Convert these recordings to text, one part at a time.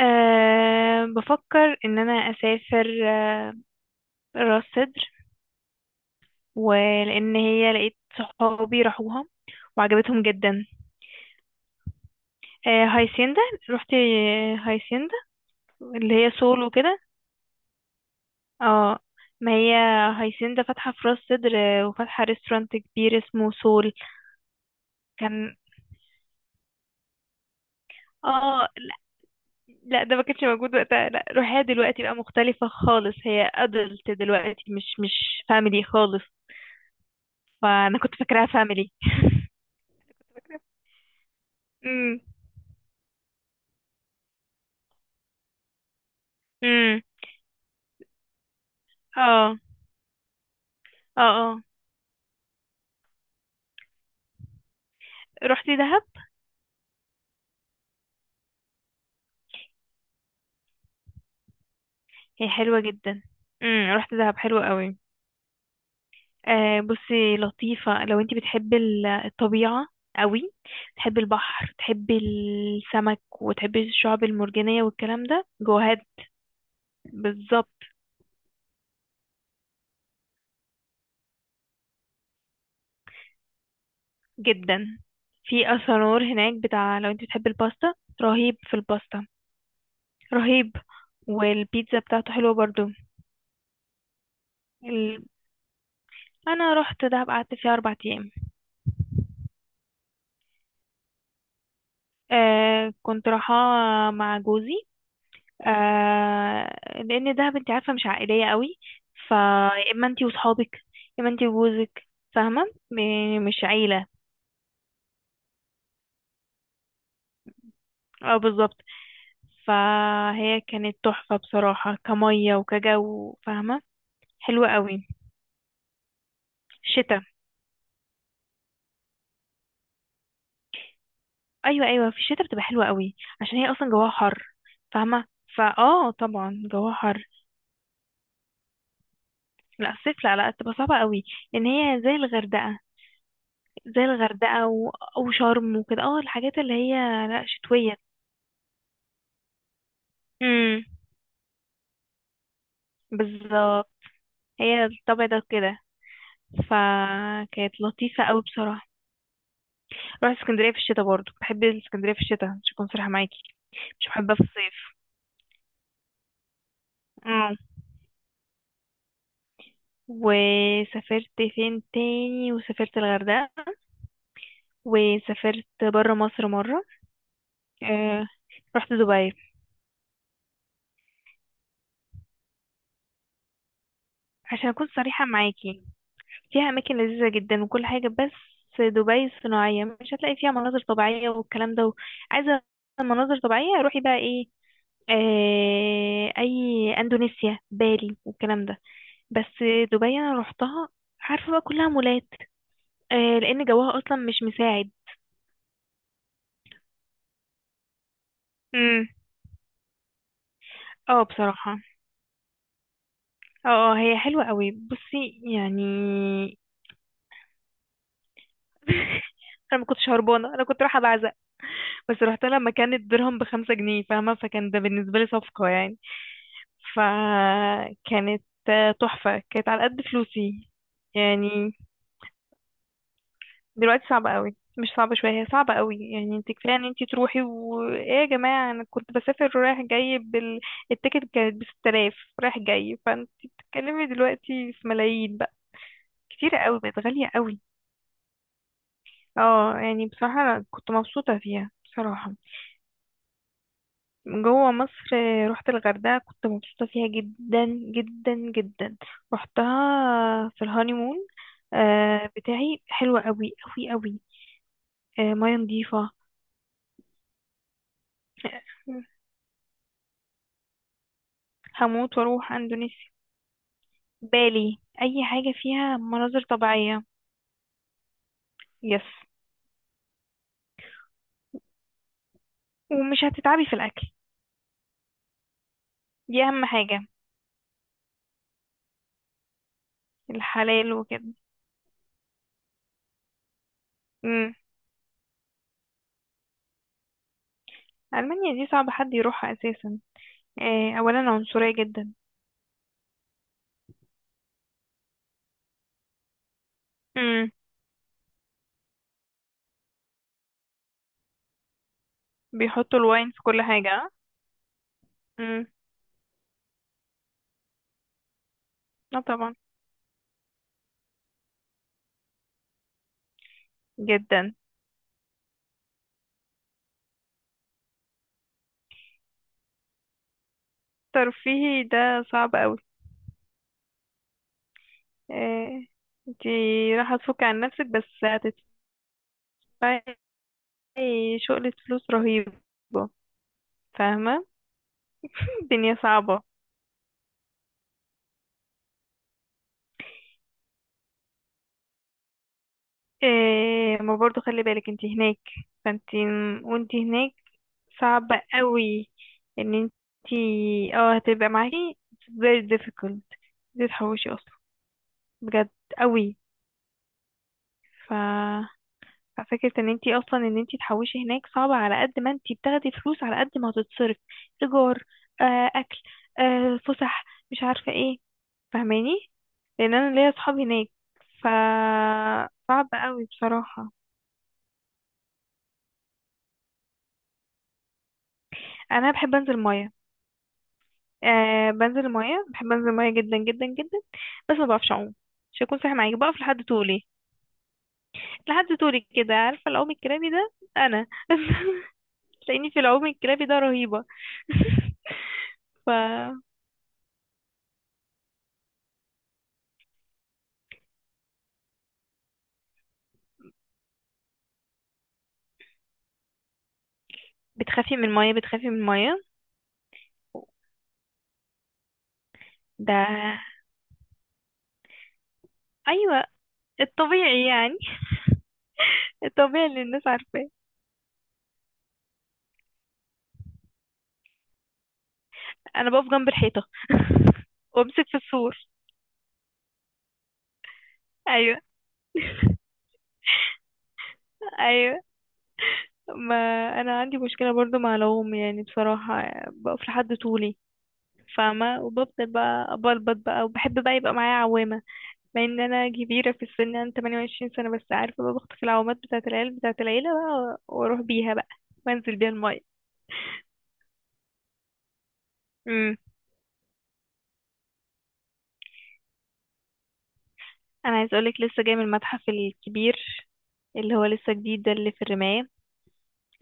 أه، بفكر ان انا اسافر راس سدر. ولان هي لقيت صحابي راحوها وعجبتهم جدا. أه، هايسيندا. رحتي هايسيندا اللي هي سول وكده. اه، ما هي هايسيندا فاتحة في راس سدر، وفاتحة ريستورانت كبير اسمه سول. كان. اه، لا، لا، ده ما كانش موجود وقتها. لا، روحيها دلوقتي بقى مختلفة خالص. هي ادلت دلوقتي مش فاميلي خالص. فانا كنت فاكراها فاميلي. امم اه، اه، اه. رحتي دهب؟ هي حلوة جدا. رحت دهب، حلوة قوي. بصي، لطيفة لو انتي بتحبي الطبيعة قوي. تحبي البحر، تحبي السمك، وتحبي الشعب المرجانية والكلام ده جوهات. بالظبط. جدا. في اسانور هناك بتاع، لو انتي بتحبي الباستا، رهيب في الباستا. رهيب. والبيتزا بتاعته حلوة برضو. ال... انا رحت دهب، قعدت فيها اربع ايام. آه، كنت رايحة مع جوزي. آه لان دهب انت عارفه مش عائليه قوي. فيا اما انت وصحابك، يا اما انت وجوزك، فاهمه. مش عيله. اه، بالظبط. فهي كانت تحفه بصراحه، كميه وكجو، فاهمه. حلوه قوي. الشتاء؟ ايوه، ايوه، في الشتاء بتبقى حلوه قوي عشان هي اصلا جواها حر. فاهمه. فاه طبعا جواها حر. لا، الصيف لا، لا، تبقى صعبه قوي. لان هي زي الغردقه. زي الغردقه و- وشرم وكده. اه، الحاجات اللي هي، لا، شتويه. بالظبط. هي الطبع ده كده، فكانت لطيفة قوي بصراحة. رحت اسكندرية في الشتاء برضو. بحب اسكندرية في الشتاء، مش هكون صريحة معاكي، مش بحبها في الصيف. اه. وسافرت فين تاني؟ وسافرت الغردقة، وسافرت برا مصر مرة. آه رحت دبي. عشان اكون صريحة معاكي، فيها اماكن لذيذة جدا وكل حاجة، بس دبي صناعية، مش هتلاقي فيها مناظر طبيعية والكلام ده. عايزة مناظر طبيعية؟ روحي بقى ايه، اي، اندونيسيا، بالي والكلام ده. بس دبي انا روحتها، عارفه بقى كلها مولات، لان جوها اصلا مش مساعد. امم. اه، بصراحه. اه، هي حلوه قوي بصي، يعني. انا ما كنتش هربانه، انا كنت رايحه بعزق. بس رحت لما كان الدرهم بخمسة جنيه، فاهمه، فكان ده بالنسبه لي صفقه يعني. فكانت، تحفه. كانت على قد فلوسي. يعني دلوقتي صعبة قوي، مش صعبة شوية، هي صعبة قوي. يعني انت كفاية ان انت تروحي، و، ايه يا جماعة، انا كنت بسافر رايح جاي التيكت كانت بستة آلاف رايح جاي. فانت بتتكلمي دلوقتي في ملايين بقى. كتيرة قوي، بقت غالية قوي. اه، يعني بصراحة انا كنت مبسوطة فيها بصراحة. جوه مصر. رحت الغردقة، كنت مبسوطة فيها جدا جدا جدا. رحتها في الهانيمون بتاعي، حلوة قوي قوي قوي. مياه نضيفة. هموت واروح اندونيسيا، بالي، اي حاجة فيها مناظر طبيعية. يس. ومش هتتعبي في الاكل، دي اهم حاجة. الحلال وكده. امم. المانيا دي صعب حد يروحها اساسا. إيه، اولا عنصرية جدا. امم. بيحطوا الواين في كل حاجة. اه. امم. اه، طبعا. جدا. ترفيهي ده صعب قوي. إيه، انتي راح تفك عن نفسك بس، هتدفعي شغلة فلوس رهيبة. فاهمة. الدنيا صعبة. إيه، ما برضو خلي بالك انت هناك. فانت، وانت هناك، صعب قوي ان انت اه هتبقى معاكي very difficult. دي تحوشي اصلا، بجد، قوي. ف ففكرة ان انت اصلا ان انت تحوشي هناك، صعبة على قد ما انت بتاخدي فلوس على قد ما هتتصرف، ايجار، اكل، فسح، مش عارفة ايه. فاهماني؟ لان انا ليا اصحاب هناك. ف صعب قوي بصراحة. انا بحب انزل مية. بنزل المية، بحب انزل المية جدا جدا جدا. بس ما بعرفش اعوم، مش هكون صريحة معاكي، بقف لحد طولي. لحد طولي كده، عارفة، العوم الكرابي ده، انا تلاقيني في العوم الكرابي ده رهيبة ف بتخافي من المية؟ بتخافي من المية؟ ده، ايوه، الطبيعي يعني. الطبيعي اللي الناس عارفاه. انا بقف جنب الحيطة وامسك في السور. ايوه ايوه، ما انا عندي مشكله برضو مع العوم يعني بصراحه، بقف لحد طولي. فاهمة. وبفضل بقى أبلبط بقى وبحب بقى يبقى معايا عوامة، مع ان انا كبيرة في السن، انا 28 سنة، بس عارفة بقى، بخطف العوامات بتاعة العيال بتاعة العيلة بقى واروح بيها بقى وانزل بيها المية. امم. انا عايزة اقولك، لسه جاي من المتحف الكبير اللي هو لسه جديد ده، اللي في الرماية.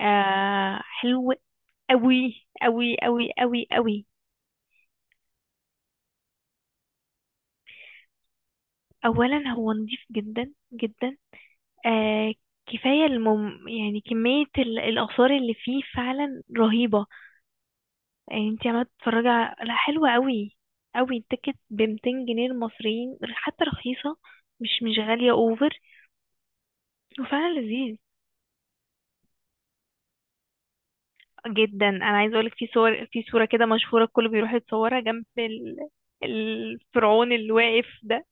حلو قوي قوي قوي قوي قوي. اولا هو نضيف جدا جدا. آه كفاية يعني كمية الآثار اللي فيه فعلا رهيبة. يعني انت عمالة تتفرجي على، لا، حلوة قوي. قوي. التيكت بمتين جنيه المصريين حتى، رخيصة، مش غالية اوفر. وفعلا لذيذ. جدا. انا عايزة اقولك، في صور، في صورة كده مشهورة الكل بيروح يتصورها جنب الفرعون اللي واقف ده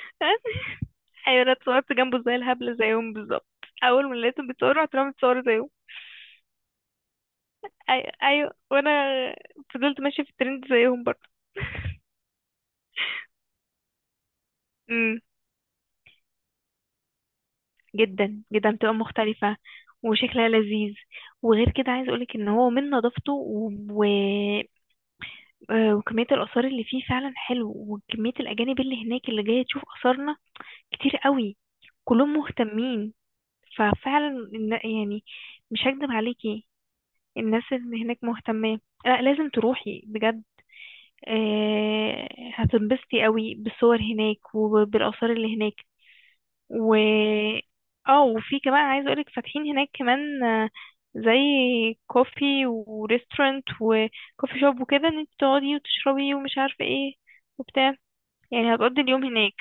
ايوه، انا اتصورت جنبه زي الهبلة زيهم بالظبط. اول ما لقيتهم بيتصوروا، رحت رامية اتصور زيهم. ايوه، ايوه، وانا فضلت ماشية في الترند زيهم. برضه. جدا جدا بتبقى مختلفة وشكلها لذيذ. وغير كده عايز اقولك ان هو من نظافته و... و... آه، وكمية الآثار اللي فيه فعلا حلو. وكمية الأجانب اللي هناك اللي جاية تشوف آثارنا كتير قوي، كلهم مهتمين. ففعلا، يعني، مش هكدب عليكي، الناس اللي هناك مهتمة. لا، لازم تروحي بجد. آه، هتنبسطي قوي بالصور هناك وبالآثار اللي هناك. و اه وفي كمان عايزه اقولك فاتحين هناك كمان، زي كوفي وريستورانت وكوفي شوب وكده، ان انت تقعدي وتشربي ومش عارفه ايه وبتاع. يعني هتقضي اليوم هناك.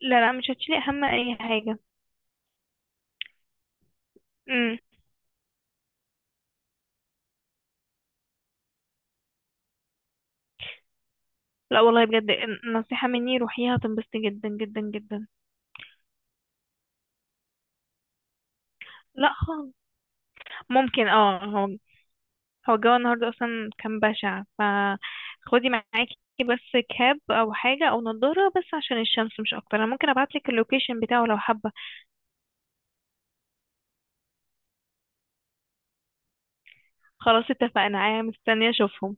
لا، لا، مش هتشيلي هم اي حاجه. امم. لا والله بجد، نصيحه مني روحيها، هتنبسطي جدا جدا جدا. لا خالص. ممكن، هو الجو النهارده اصلا كان بشع، فخدي معاكي بس كاب او حاجه او نضاره بس عشان الشمس مش اكتر. انا ممكن ابعتلك اللوكيشن بتاعه لو حابه. خلاص اتفقنا، انا مستنيه اشوفهم.